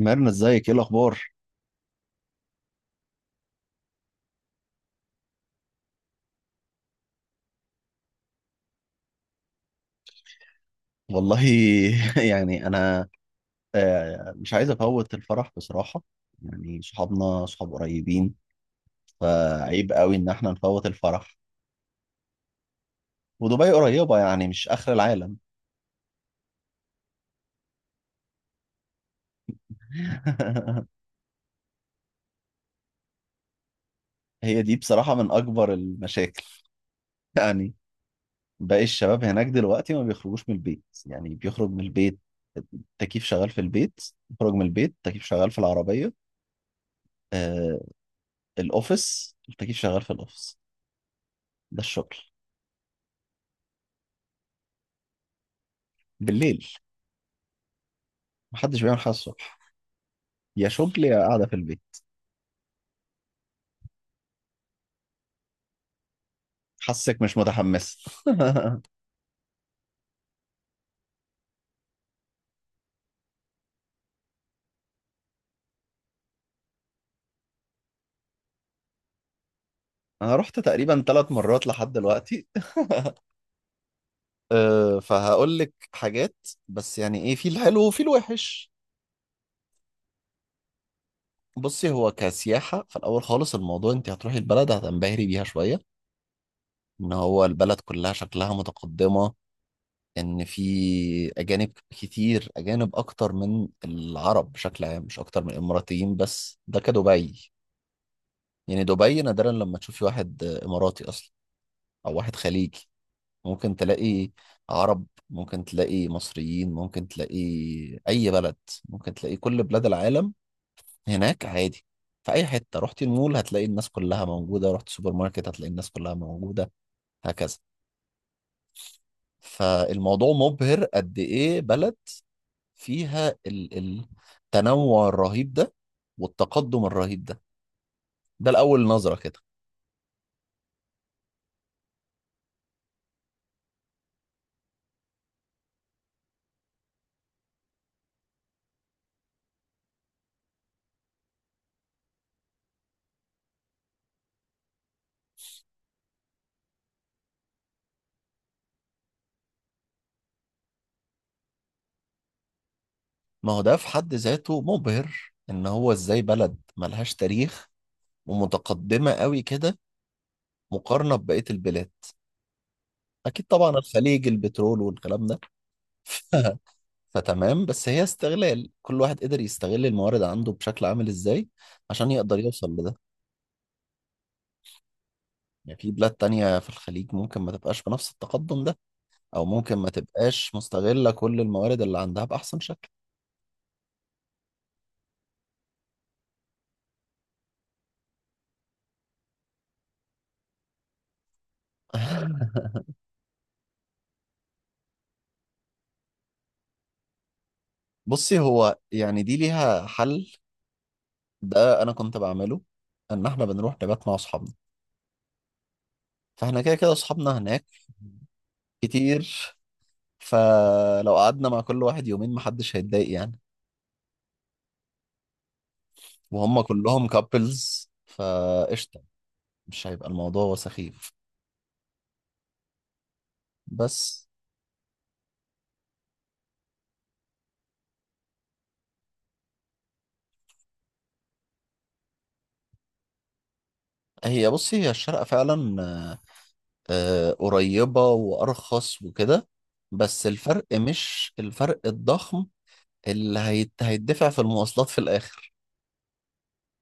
ميرنا، ازيك؟ ايه الاخبار؟ والله. يعني انا مش عايز افوت الفرح بصراحه. يعني صحابنا صحاب قريبين، فعيب قوي ان احنا نفوت الفرح. ودبي قريبه، يعني مش اخر العالم. هي دي بصراحه من اكبر المشاكل. يعني، باقي الشباب هناك دلوقتي ما بيخرجوش من البيت. يعني بيخرج من البيت التكييف شغال في البيت، بيخرج من البيت التكييف شغال في العربيه، آه، الاوفيس التكييف شغال في الاوفيس. ده الشغل. بالليل، محدش بيعمل حاجة الصبح. يا شغل يا قاعدة في البيت. حاسك مش متحمس. انا رحت تقريبا ثلاث مرات لحد دلوقتي. أه، فهقول لك حاجات، بس يعني ايه، في الحلو وفي الوحش. بصي، هو كسياحة في الاول خالص الموضوع انت هتروحي البلد هتنبهري بيها شوية، ان هو البلد كلها شكلها متقدمة، ان في اجانب كتير، اجانب اكتر من العرب بشكل عام، مش اكتر من الاماراتيين، بس ده كدبي. يعني دبي نادرا لما تشوفي واحد اماراتي اصلا او واحد خليجي. ممكن تلاقي عرب، ممكن تلاقي مصريين، ممكن تلاقي اي بلد، ممكن تلاقي كل بلاد العالم هناك عادي. في اي حته، رحت المول هتلاقي الناس كلها موجوده، رحت سوبر ماركت هتلاقي الناس كلها موجوده، هكذا. فالموضوع مبهر قد ايه بلد فيها التنوع الرهيب ده والتقدم الرهيب ده. ده الاول نظره كده. ما هو ده في حد ذاته مبهر، ان هو ازاي بلد ملهاش تاريخ ومتقدمه قوي كده مقارنة ببقية البلاد. أكيد طبعا الخليج البترول والكلام ده. ف- فتمام. بس هي استغلال، كل واحد قدر يستغل الموارد عنده بشكل عامل إزاي عشان يقدر يوصل لده. يعني في بلاد تانية في الخليج ممكن ما تبقاش بنفس التقدم ده، أو ممكن ما تبقاش مستغلة كل الموارد اللي عندها بأحسن شكل. بصي، هو يعني دي ليها حل. ده أنا كنت بعمله، إن إحنا بنروح نبات مع أصحابنا. فإحنا كده كده أصحابنا هناك كتير. فلو قعدنا مع كل واحد يومين محدش هيتضايق، يعني وهم كلهم كابلز فقشطة. مش هيبقى الموضوع سخيف. بس هي، بصي، هي الشارقة فعلا قريبة وأرخص وكده، بس الفرق مش الفرق الضخم اللي هيتدفع في المواصلات في الآخر.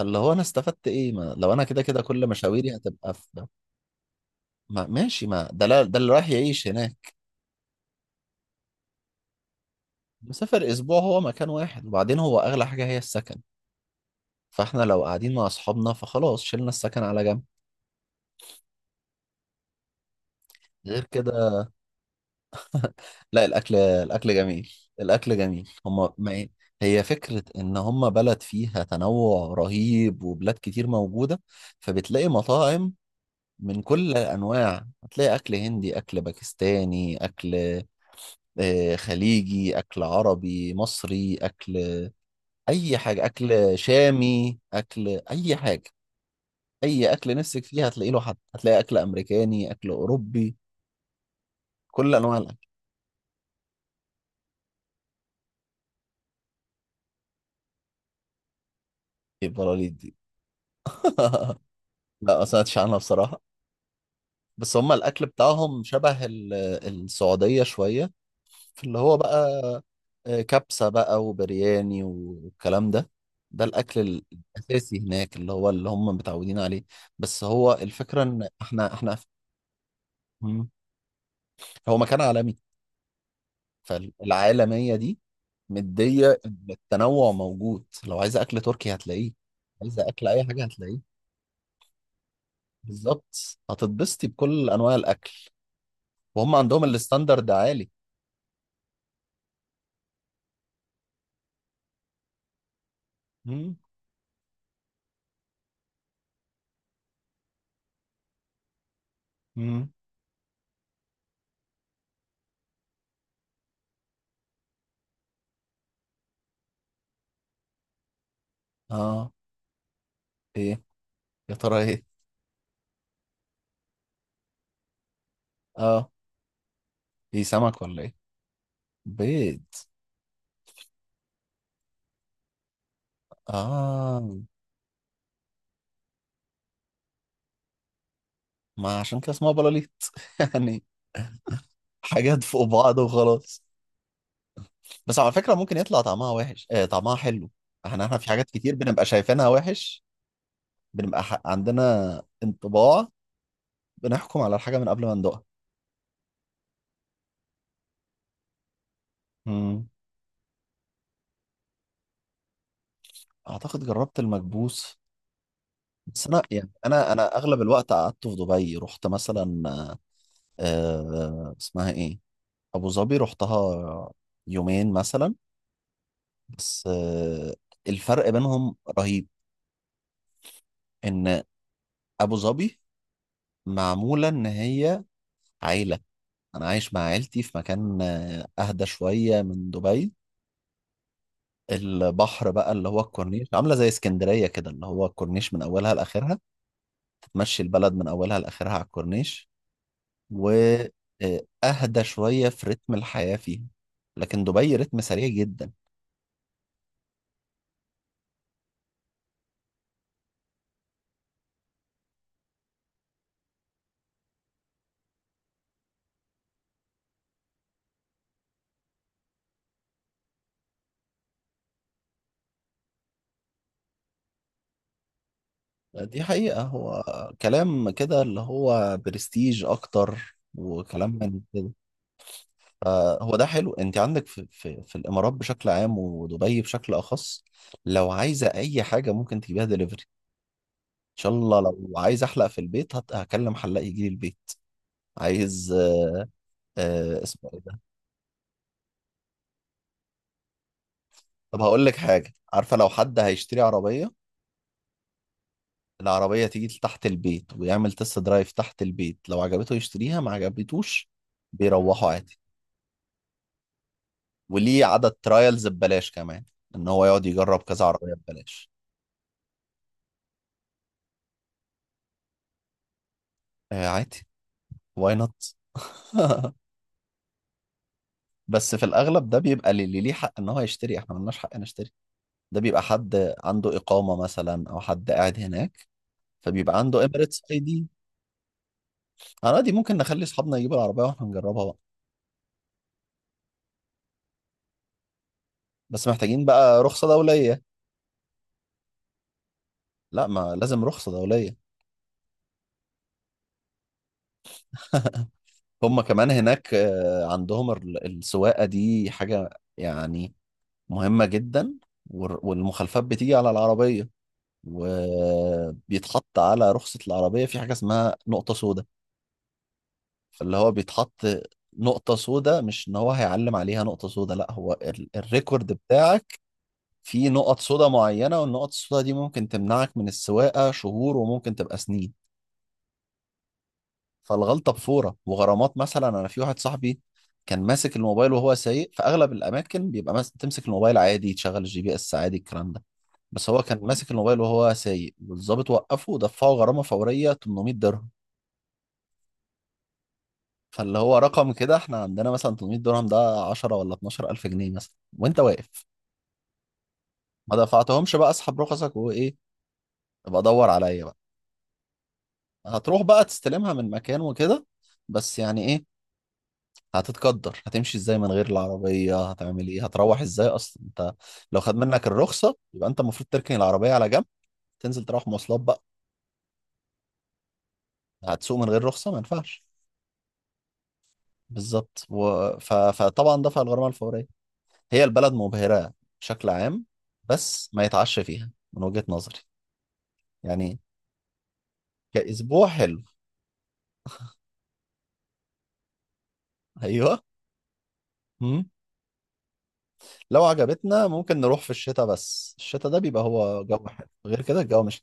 اللي هو، أنا استفدت إيه؟ ما لو أنا كده كده كل مشاويري هتبقى في. ما ماشي، ما ده ده اللي رايح يعيش هناك. مسافر أسبوع هو مكان واحد، وبعدين هو أغلى حاجة هي السكن. فاحنا لو قاعدين مع اصحابنا فخلاص، شلنا السكن على جنب. غير كده، لا، الاكل جميل. الاكل جميل، هم ما إيه؟ هي فكرة ان هم بلد فيها تنوع رهيب وبلاد كتير موجودة، فبتلاقي مطاعم من كل الانواع. هتلاقي اكل هندي، اكل باكستاني، اكل خليجي، اكل عربي مصري، اكل اي حاجة، اكل شامي، اكل اي حاجة. اي اكل نفسك فيه هتلاقي له حد. هتلاقي اكل امريكاني، اكل اوروبي، كل انواع الاكل. ايه البراليط دي؟ لا، ما سمعتش عنها بصراحة. بس هما الأكل بتاعهم شبه السعودية شوية. في اللي هو بقى كبسة بقى وبرياني والكلام ده. ده الأكل الأساسي هناك، اللي هو اللي هم متعودين عليه. بس هو الفكرة إن إحنا. مم. هو مكان عالمي، فالعالمية دي مدية إن التنوع موجود. لو عايزة أكل تركي هتلاقيه، عايزة أكل أي حاجة هتلاقيه. بالظبط، هتتبسطي بكل أنواع الأكل. وهم عندهم الستاندرد عالي. مم. مم. اه، ايه؟ يا ترى ايه؟ اه، ايه؟ سمك ولا ايه؟ بيض. اه. ما عشان كده اسمها بلاليط. يعني، حاجات فوق بعض وخلاص. بس على فكرة ممكن يطلع طعمها وحش، طعمها حلو. احنا في حاجات كتير بنبقى شايفينها وحش. بنبقى عندنا انطباع، بنحكم على الحاجة من قبل ما ندوقها. مم. اعتقد جربت المكبوس. بس انا، يعني انا اغلب الوقت قعدت في دبي. رحت مثلا اسمها ايه، ابو ظبي، رحتها يومين مثلا. بس الفرق بينهم رهيب، ان ابو ظبي معمولة ان هي عيلة. انا عايش مع عيلتي في مكان اهدى شوية من دبي. البحر بقى، اللي هو الكورنيش، عاملة زي اسكندرية كده، اللي هو الكورنيش من اولها لاخرها. تمشي البلد من اولها لاخرها على الكورنيش، و اهدى شوية في رتم الحياة فيها. لكن دبي رتم سريع جدا. دي حقيقة، هو كلام كده اللي هو برستيج أكتر وكلام من كده. فهو ده حلو. أنت عندك في الإمارات بشكل عام ودبي بشكل أخص، لو عايزة أي حاجة ممكن تجيبها دليفري. إن شاء الله لو عايز أحلق في البيت هكلم حلاق يجي لي البيت. عايز اسمه إيه ده؟ طب هقول لك حاجة، عارفة لو حد هيشتري عربية؟ العربية تيجي تحت البيت، ويعمل تست درايف تحت البيت. لو عجبته يشتريها، ما عجبتوش بيروحوا عادي. وليه عدد ترايلز ببلاش كمان، ان هو يقعد يجرب كذا عربية ببلاش. آه، عادي. واي نوت. بس في الاغلب ده بيبقى اللي ليه حق ان هو يشتري. احنا ملناش حق نشتري. ده بيبقى حد عنده اقامة مثلا او حد قاعد هناك، فبيبقى عنده اميريتس ID. انا دي ممكن نخلي اصحابنا يجيبوا العربية واحنا نجربها بقى. بس محتاجين بقى رخصة دولية. لا، ما لازم رخصة دولية. هم كمان هناك عندهم السواقة دي حاجة، يعني مهمة جدا. والمخالفات بتيجي على العربية، وبيتحط على رخصة العربية في حاجة اسمها نقطة سوداء. فاللي هو بيتحط نقطة سوداء، مش ان هو هيعلم عليها نقطة سوداء، لا، هو الريكورد بتاعك فيه نقط سوداء معينة، والنقط السوداء دي ممكن تمنعك من السواقة شهور، وممكن تبقى سنين. فالغلطة بفورة وغرامات. مثلا انا في واحد صاحبي كان ماسك الموبايل وهو سايق. في اغلب الاماكن بيبقى ماسك، تمسك الموبايل عادي، تشغل الGPS عادي، الكلام ده. بس هو كان ماسك الموبايل وهو سايق، والظابط وقفه ودفعه غرامة فورية 800 درهم. فاللي هو رقم كده. احنا عندنا مثلا 800 درهم ده 10 ولا 12 ألف جنيه مثلا، وانت واقف. ما دفعتهمش بقى، اسحب رخصك وايه، ابقى دور عليا بقى. هتروح بقى تستلمها من مكان وكده. بس يعني ايه، هتتقدر هتمشي ازاي من غير العربية؟ هتعمل ايه؟ هتروح ازاي اصلا انت؟ لو خد منك الرخصة، يبقى انت المفروض تركن العربية على جنب، تنزل تروح مواصلات بقى. هتسوق من غير رخصة، ما ينفعش. بالظبط. فطبعا دفع الغرامة الفورية. هي البلد مبهرة بشكل عام، بس ما يتعش فيها من وجهة نظري. يعني كأسبوع حلو. أيوه. مم. لو عجبتنا ممكن نروح في الشتاء، بس الشتاء ده بيبقى هو جو حلو. غير كده الجو مش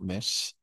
ماشي.